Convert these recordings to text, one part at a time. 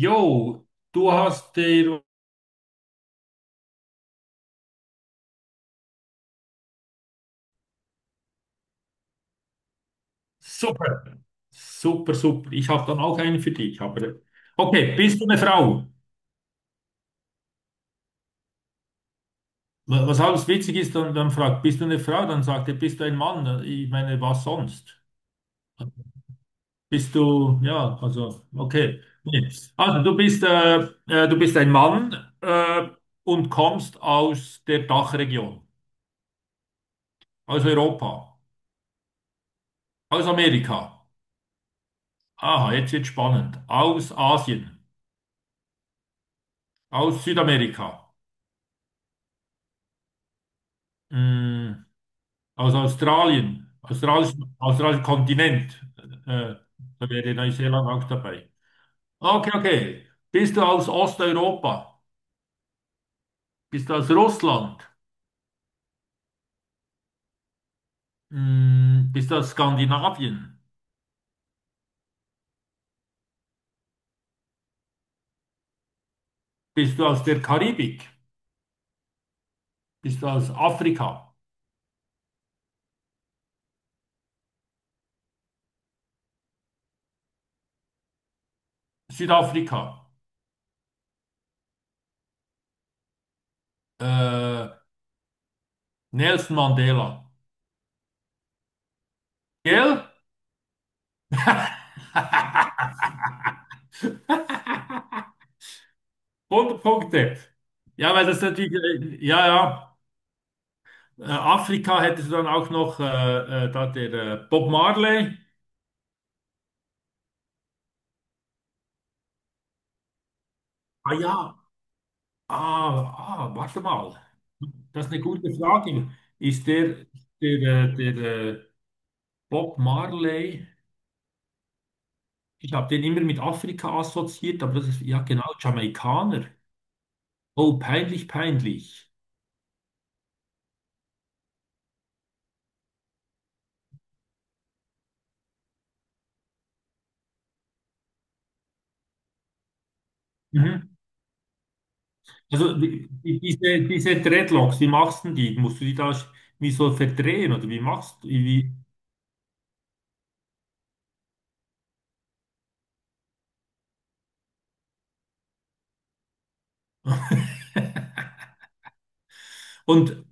Jo, du hast den. Super, super, super. Ich habe dann auch einen für dich. Aber okay, bist du eine Frau? Was alles witzig ist, dann fragt, bist du eine Frau? Dann sagt er, bist du ein Mann? Ich meine, was sonst? Bist du, ja, also, okay. Nee. Also, du bist ein Mann und kommst aus der Dachregion, aus Europa, aus Amerika. Aha, jetzt wird spannend. Aus Asien, aus Südamerika. Mm. Aus Australien, australischen Kontinent. Äh, Da wäre Neuseeland auch dabei. Okay, okay. Bist du aus Osteuropa? Bist du aus Russland? Bist du aus Skandinavien? Bist du aus der Karibik? Bist du aus Afrika? Südafrika? Äh, Nelson Mandela. Gell? 100 Punkte. Ja, weil das natürlich, ja, ja. Afrika hättest du dann auch noch da der Bob Marley. Ah ja, ah, ah, warte mal. Das ist eine gute Frage. Ist der, der, äh, der äh, Bob Marley, ich habe den immer mit Afrika assoziiert, aber das ist, ja genau, Jamaikaner. Oh, peinlich, peinlich. Mhm. Also diese Dreadlocks, wie machst du die? Musst du die da wie so verdrehen oder wie machst duwie- und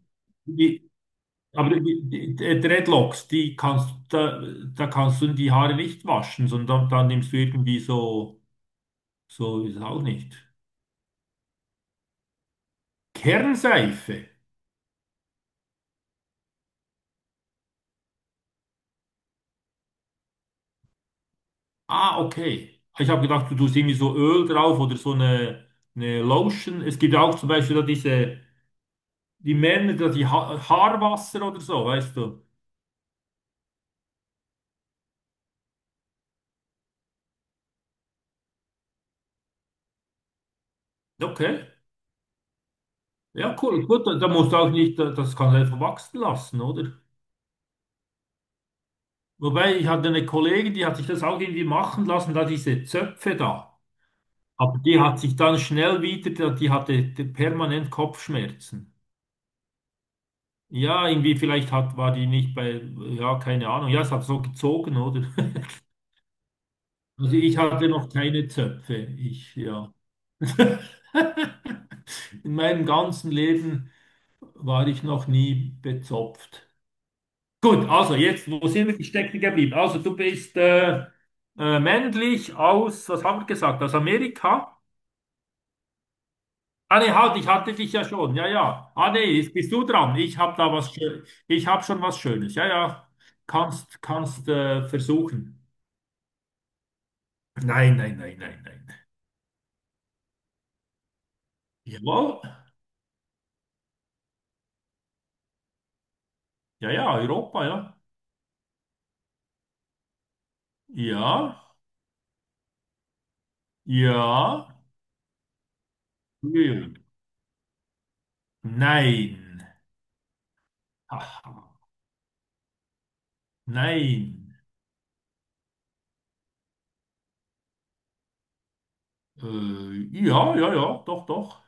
Aber die Dreadlocks, da kannst du die Haare nicht waschen, sondern dann nimmst du irgendwie so, so ist es auch nicht. Kernseife. Ah, okay. Ich habe gedacht, du tust irgendwie so Öl drauf oder so eine Lotion. Es gibt auch zum Beispiel da diese, die Männer, da die ha Haarwasser oder so, weißt du. Okay. Ja, cool. Gut, da musst du auch nicht, das kannst du einfach wachsen lassen, oder? Wobei, ich hatte eine Kollegin, die hat sich das auch irgendwie machen lassen, da diese Zöpfe da. Aber die hat sich dann schnell wieder, die hatte permanent Kopfschmerzen. Ja, irgendwie vielleicht hat, war die nicht bei, ja, keine Ahnung. Ja, es hat so gezogen, oder? Also ich hatte noch keine Zöpfe. Ich, ja. In meinem ganzen Leben war ich noch nie bezopft. Gut, also jetzt, wo sind wir stecken geblieben? Also du bist männlich aus, was haben wir gesagt, aus Amerika? Ah nee, halt, ich hatte dich ja schon. Ja, ja. Ah nee, jetzt bist du dran. Ich habe schon was Schönes. Ja, ja. Kannst versuchen. Nein, nein, nein, nein, nein. Jawohl. Ja, ja, Europa, ja. Ja. Ja. Ja. Nein. Aha. Nein. Äh, ja, ja, ja, doch, doch.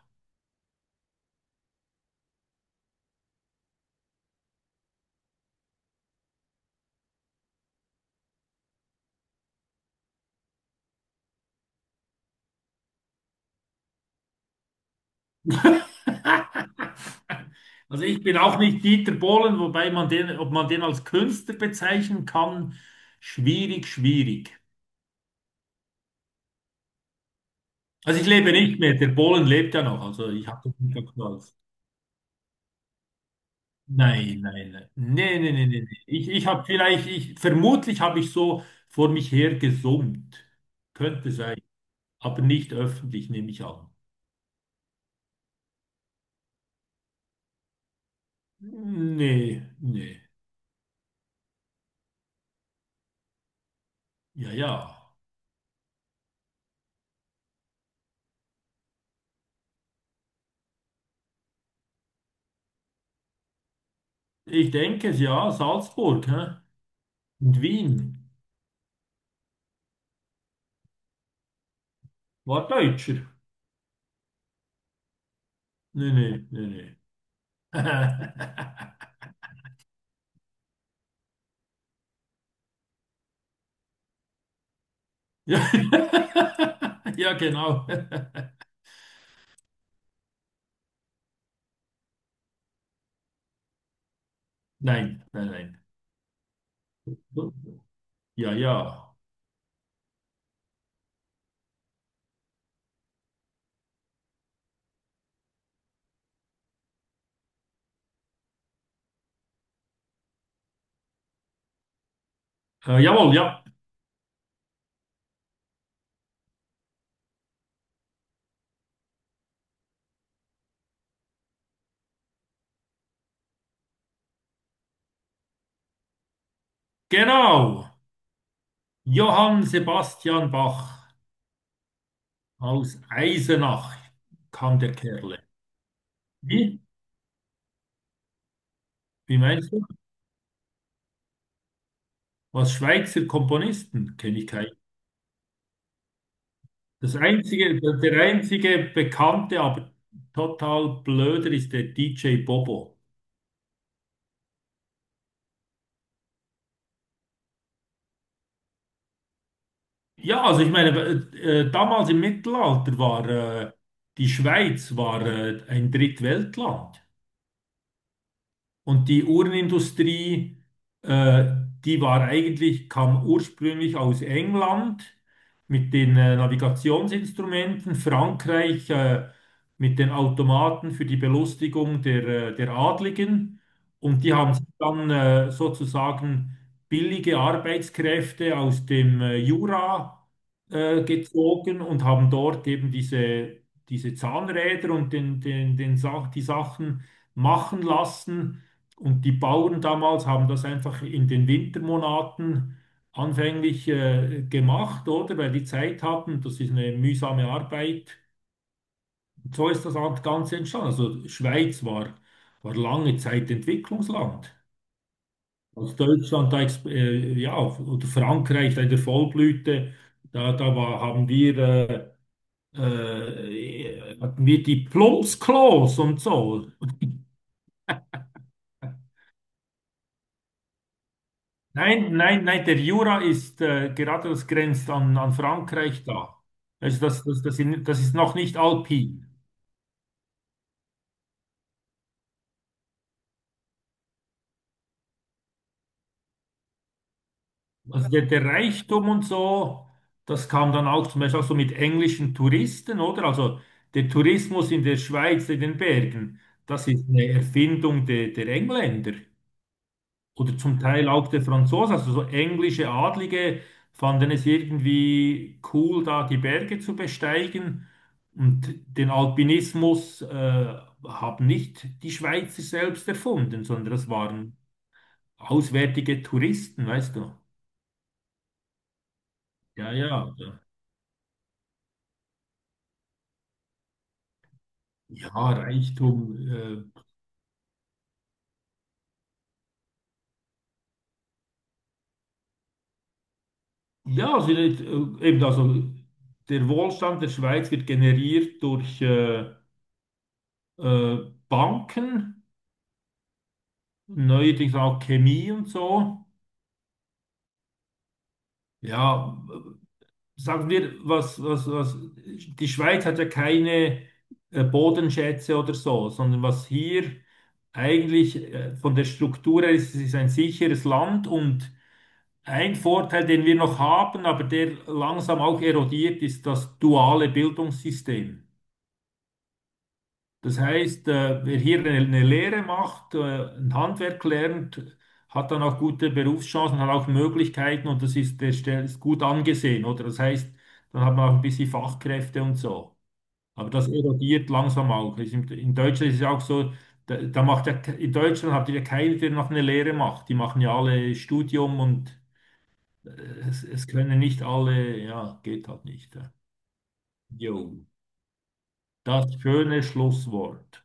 Also ich bin auch nicht Dieter Bohlen, wobei man den, ob man den als Künstler bezeichnen kann, schwierig, schwierig. Also ich lebe nicht mehr, der Bohlen lebt ja noch, also ich habe das nicht als. Nein, nein, nein, nee, nee, nee, nee, nee. Ich habe vielleicht, ich, vermutlich habe ich so vor mich her gesummt. Könnte sein, aber nicht öffentlich, nehme ich an. Nee, nee, ja, ja. Ich denke es, ja, Salzburg, hä? Und Wien. War Deutscher? Nee, nee, nee, nee. Ja, ja, genau. Nein, nein, nein. Ja, ja. Jawohl, ja. Genau. Johann Sebastian Bach aus Eisenach kam der Kerle. Wie? Wie meinst du? Was Schweizer Komponisten kenne ich keinen. Das einzige, der einzige bekannte, aber total blöder ist der DJ Bobo. Ja, also ich meine, damals im Mittelalter war die Schweiz war ein Drittweltland. Und die Uhrenindustrie, äh, die war eigentlich, kam ursprünglich aus England mit den Navigationsinstrumenten, Frankreich mit den Automaten für die Belustigung der Adligen. Und die haben sich dann sozusagen billige Arbeitskräfte aus dem Jura gezogen und haben dort eben diese Zahnräder und den, den, den Sach die Sachen machen lassen. Und die Bauern damals haben das einfach in den Wintermonaten anfänglich gemacht, oder? Weil die Zeit hatten, das ist eine mühsame Arbeit. Und so ist das Ganze entstanden. Also Schweiz war, lange Zeit Entwicklungsland. Als Deutschland da, oder Frankreich da in der Vollblüte, da war, hatten wir die Plumpsklos und so. Nein, nein, nein, der Jura ist gerade das grenzt an Frankreich da. Also das ist noch nicht alpin. Also der Reichtum und so, das kam dann auch zum Beispiel auch so mit englischen Touristen, oder? Also der Tourismus in der Schweiz, in den Bergen, das ist eine Erfindung der Engländer. Oder zum Teil auch der Franzose, also so englische Adlige, fanden es irgendwie cool, da die Berge zu besteigen. Und den Alpinismus haben nicht die Schweizer selbst erfunden, sondern das waren auswärtige Touristen, weißt du? Ja, ja. Ja, Reichtum. Ja, also, eben, also der Wohlstand der Schweiz wird generiert durch Banken, neuerdings auch Chemie und so. Ja, sagen wir, was, die Schweiz hat ja keine Bodenschätze oder so, sondern was hier eigentlich von der Struktur her ist, es ist ein sicheres Land und ein Vorteil, den wir noch haben, aber der langsam auch erodiert, ist das duale Bildungssystem. Das heißt, wer hier eine Lehre macht, ein Handwerk lernt, hat dann auch gute Berufschancen, hat auch Möglichkeiten und das ist, ist gut angesehen, oder? Das heißt, dann hat man auch ein bisschen Fachkräfte und so. Aber das erodiert langsam auch. In Deutschland ist es ja auch so, da macht ja, in Deutschland habt ihr ja keinen, der noch eine Lehre macht. Die machen ja alle Studium und äh, es können nicht alle, ja, geht halt nicht, ja. Jo, das schöne Schlusswort.